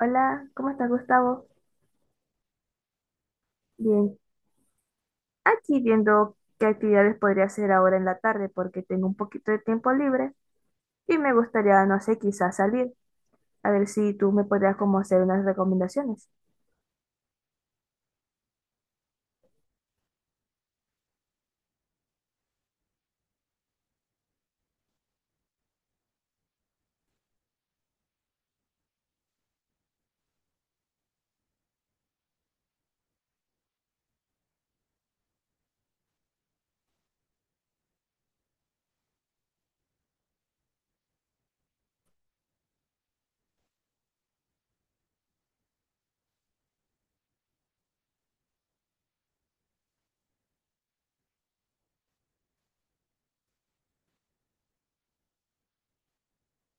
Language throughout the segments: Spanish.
Hola, ¿cómo estás, Gustavo? Bien, aquí viendo qué actividades podría hacer ahora en la tarde porque tengo un poquito de tiempo libre y me gustaría, no sé, quizás salir. A ver si tú me podrías como hacer unas recomendaciones.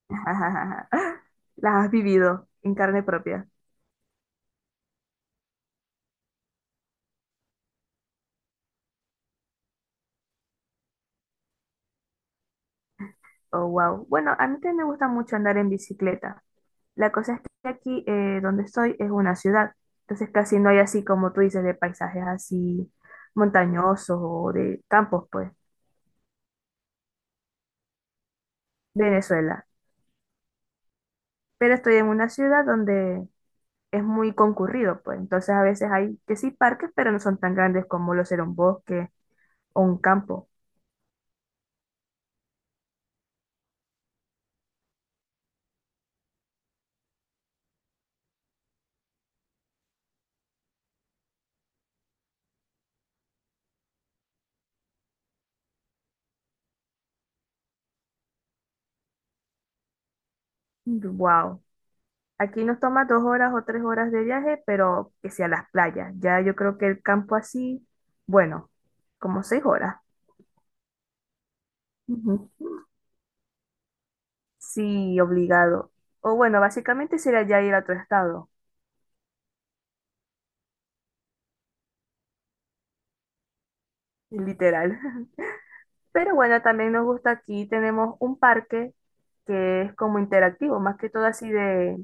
Las has vivido en carne propia. Oh, wow. Bueno, a mí también me gusta mucho andar en bicicleta. La cosa es que aquí donde estoy es una ciudad, entonces casi no hay así como tú dices de paisajes así montañosos o de campos, pues. Venezuela. Pero estoy en una ciudad donde es muy concurrido, pues entonces a veces hay que sí parques, pero no son tan grandes como lo será un bosque o un campo. Wow. Aquí nos toma 2 horas o 3 horas de viaje, pero que sea las playas. Ya yo creo que el campo así, bueno, como 6 horas. Ujú. Sí, obligado. O bueno, básicamente sería ya ir a otro estado, literal. Pero bueno, también nos gusta aquí, tenemos un parque que es como interactivo, más que todo así de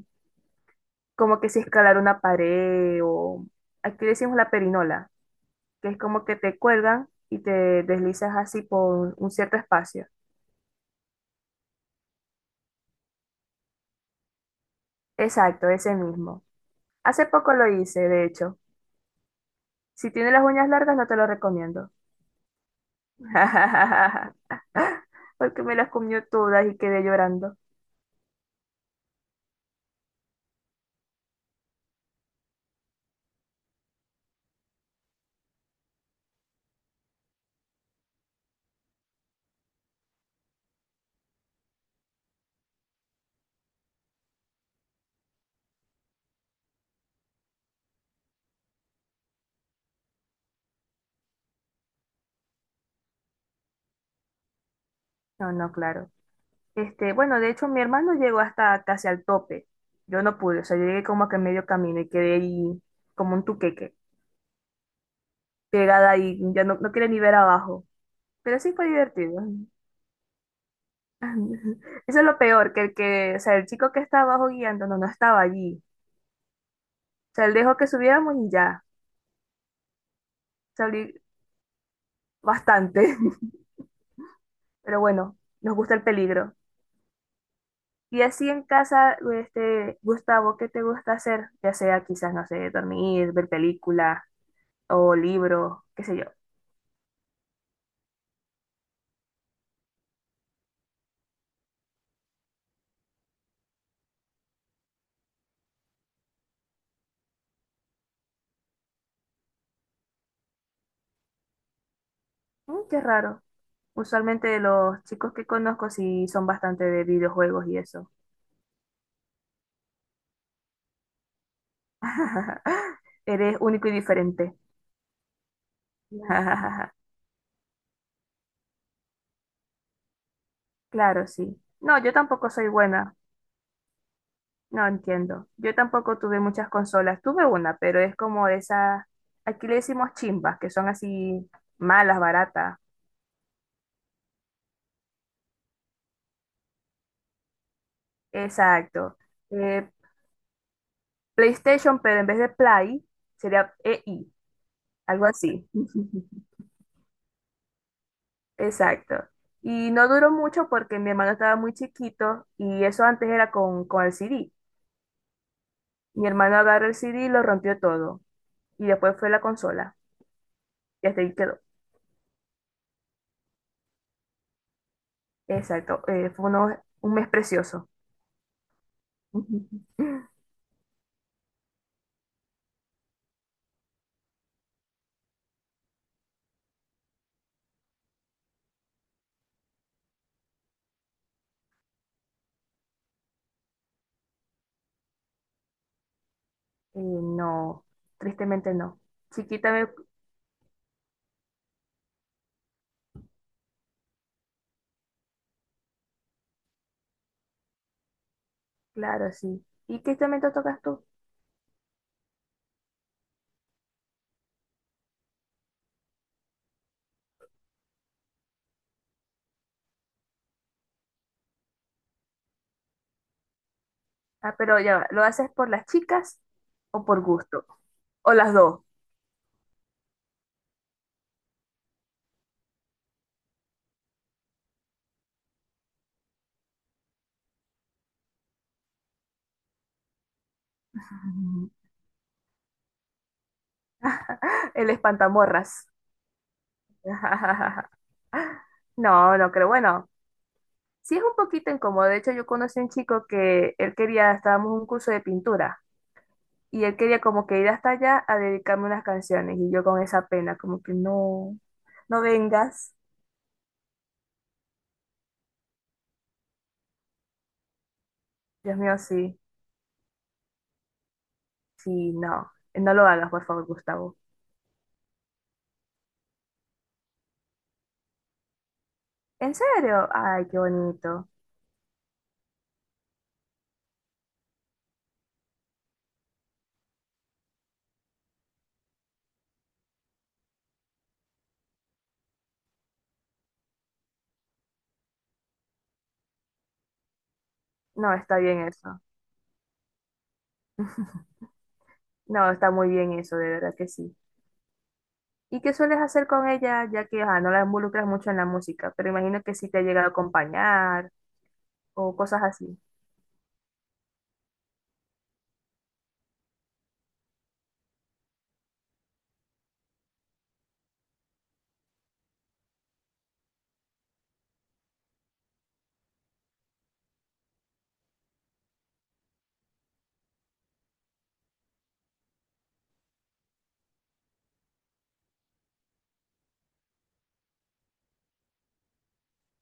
como que si escalar una pared o aquí decimos la perinola, que es como que te cuelgan y te deslizas así por un cierto espacio. Exacto, ese mismo. Hace poco lo hice, de hecho. Si tienes las uñas largas, no te lo recomiendo. Porque me las comió todas y quedé llorando. No, no, claro. Este, bueno, de hecho, mi hermano llegó hasta casi al tope. Yo no pude, o sea, yo llegué como que a medio camino y quedé ahí como un tuqueque, pegada ahí, ya no, no quería ni ver abajo. Pero sí fue divertido. Eso es lo peor, que el que, o sea, el chico que estaba abajo guiando no, no estaba allí. O sea, él dejó que subiéramos y ya. Salí bastante. Pero bueno, nos gusta el peligro. Y así en casa, este, Gustavo, ¿qué te gusta hacer? Ya sea quizás, no sé, dormir, ver películas o libros, qué sé yo. Qué raro. Usualmente los chicos que conozco sí son bastante de videojuegos y eso. Eres único y diferente. Claro, sí. No, yo tampoco soy buena. No entiendo. Yo tampoco tuve muchas consolas. Tuve una, pero es como esas, aquí le decimos chimbas, que son así malas, baratas. Exacto. Eh, PlayStation, pero en vez de Play, sería EI, algo así. Exacto. Y no duró mucho porque mi hermano estaba muy chiquito y eso antes era con el CD. Mi hermano agarró el CD y lo rompió todo. Y después fue la consola. Y hasta ahí quedó. Exacto, fue un mes precioso. Ujú. No, tristemente no. Chiquita, claro, sí. ¿Y qué instrumento tocas tú? Ah, pero ya va, ¿lo haces por las chicas o por gusto? O las dos. Ujú. El espantamorras. No, no creo. Bueno, sí es un poquito incómodo. De hecho, yo conocí a un chico que él quería, estábamos en un curso de pintura. Y él quería como que ir hasta allá a dedicarme unas canciones y yo con esa pena, como que no, no vengas. Dios mío, sí, sí, no, no lo hagas, por favor, Gustavo. ¿En serio? Ay, qué bonito. No, está bien eso. No, está muy bien eso, de verdad que sí. ¿Y qué sueles hacer con ella, ya que ajá, no la involucras mucho en la música? Pero imagino que sí te ha llegado a acompañar o cosas así.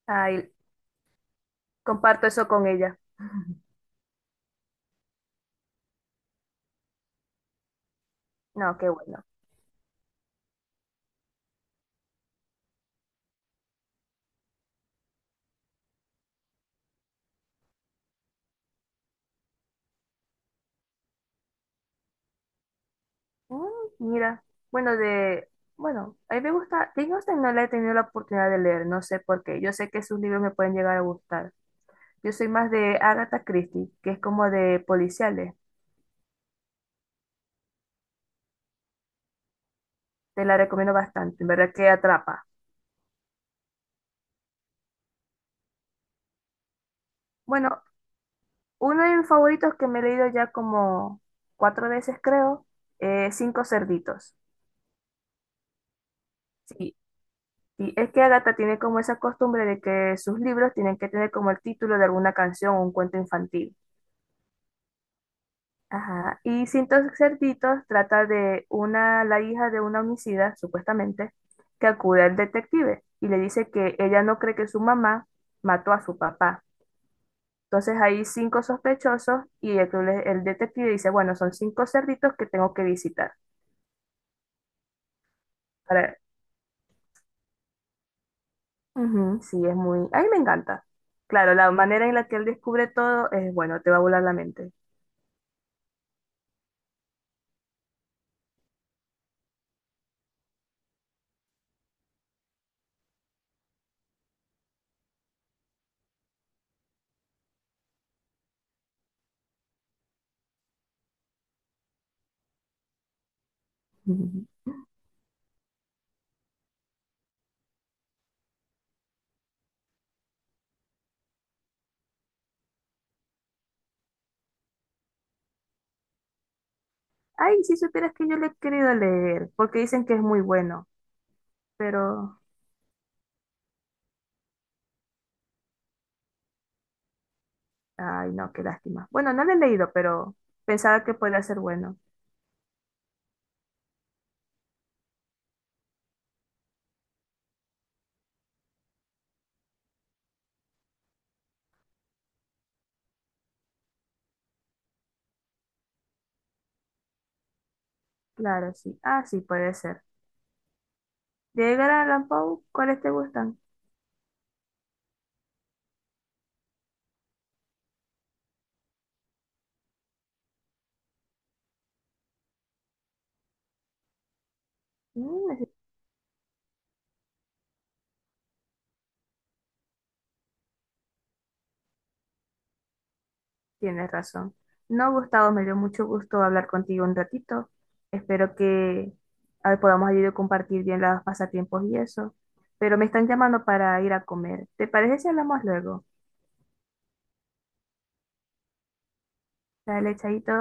Ay, comparto eso con ella. No, qué bueno. Mm, Mira, bueno, bueno, a mí me gusta, Jane Austen no la he tenido la oportunidad de leer, no sé por qué, yo sé que sus libros me pueden llegar a gustar. Yo soy más de Agatha Christie, que es como de policiales, te la recomiendo bastante, en verdad que atrapa. Bueno, uno de mis favoritos que me he leído ya como cuatro veces creo, es Cinco Cerditos. Sí, y es que Agatha tiene como esa costumbre de que sus libros tienen que tener como el título de alguna canción o un cuento infantil. Ajá. Y Cintos Cerditos trata de la hija de una homicida, supuestamente, que acude al detective y le dice que ella no cree que su mamá mató a su papá. Entonces hay cinco sospechosos y el detective dice, bueno, son cinco cerditos que tengo que visitar. Para... Ujú, sí, es muy... A mí me encanta. Claro, la manera en la que él descubre todo es, bueno, te va a volar la mente. Ay, si supieras que yo lo he querido leer, porque dicen que es muy bueno, pero... Ay, no, qué lástima. Bueno, no lo he leído, pero pensaba que podría ser bueno. Claro, sí. Ah, sí, puede ser. De Edgar Allan Poe, ¿cuáles te gustan? Mm, ese- Tienes razón. No, Gustavo, me dio mucho gusto hablar contigo un ratito. Espero que a ver, podamos ayudar a compartir bien los pasatiempos y eso. Pero me están llamando para ir a comer. ¿Te parece si hablamos luego? Dale, chaito.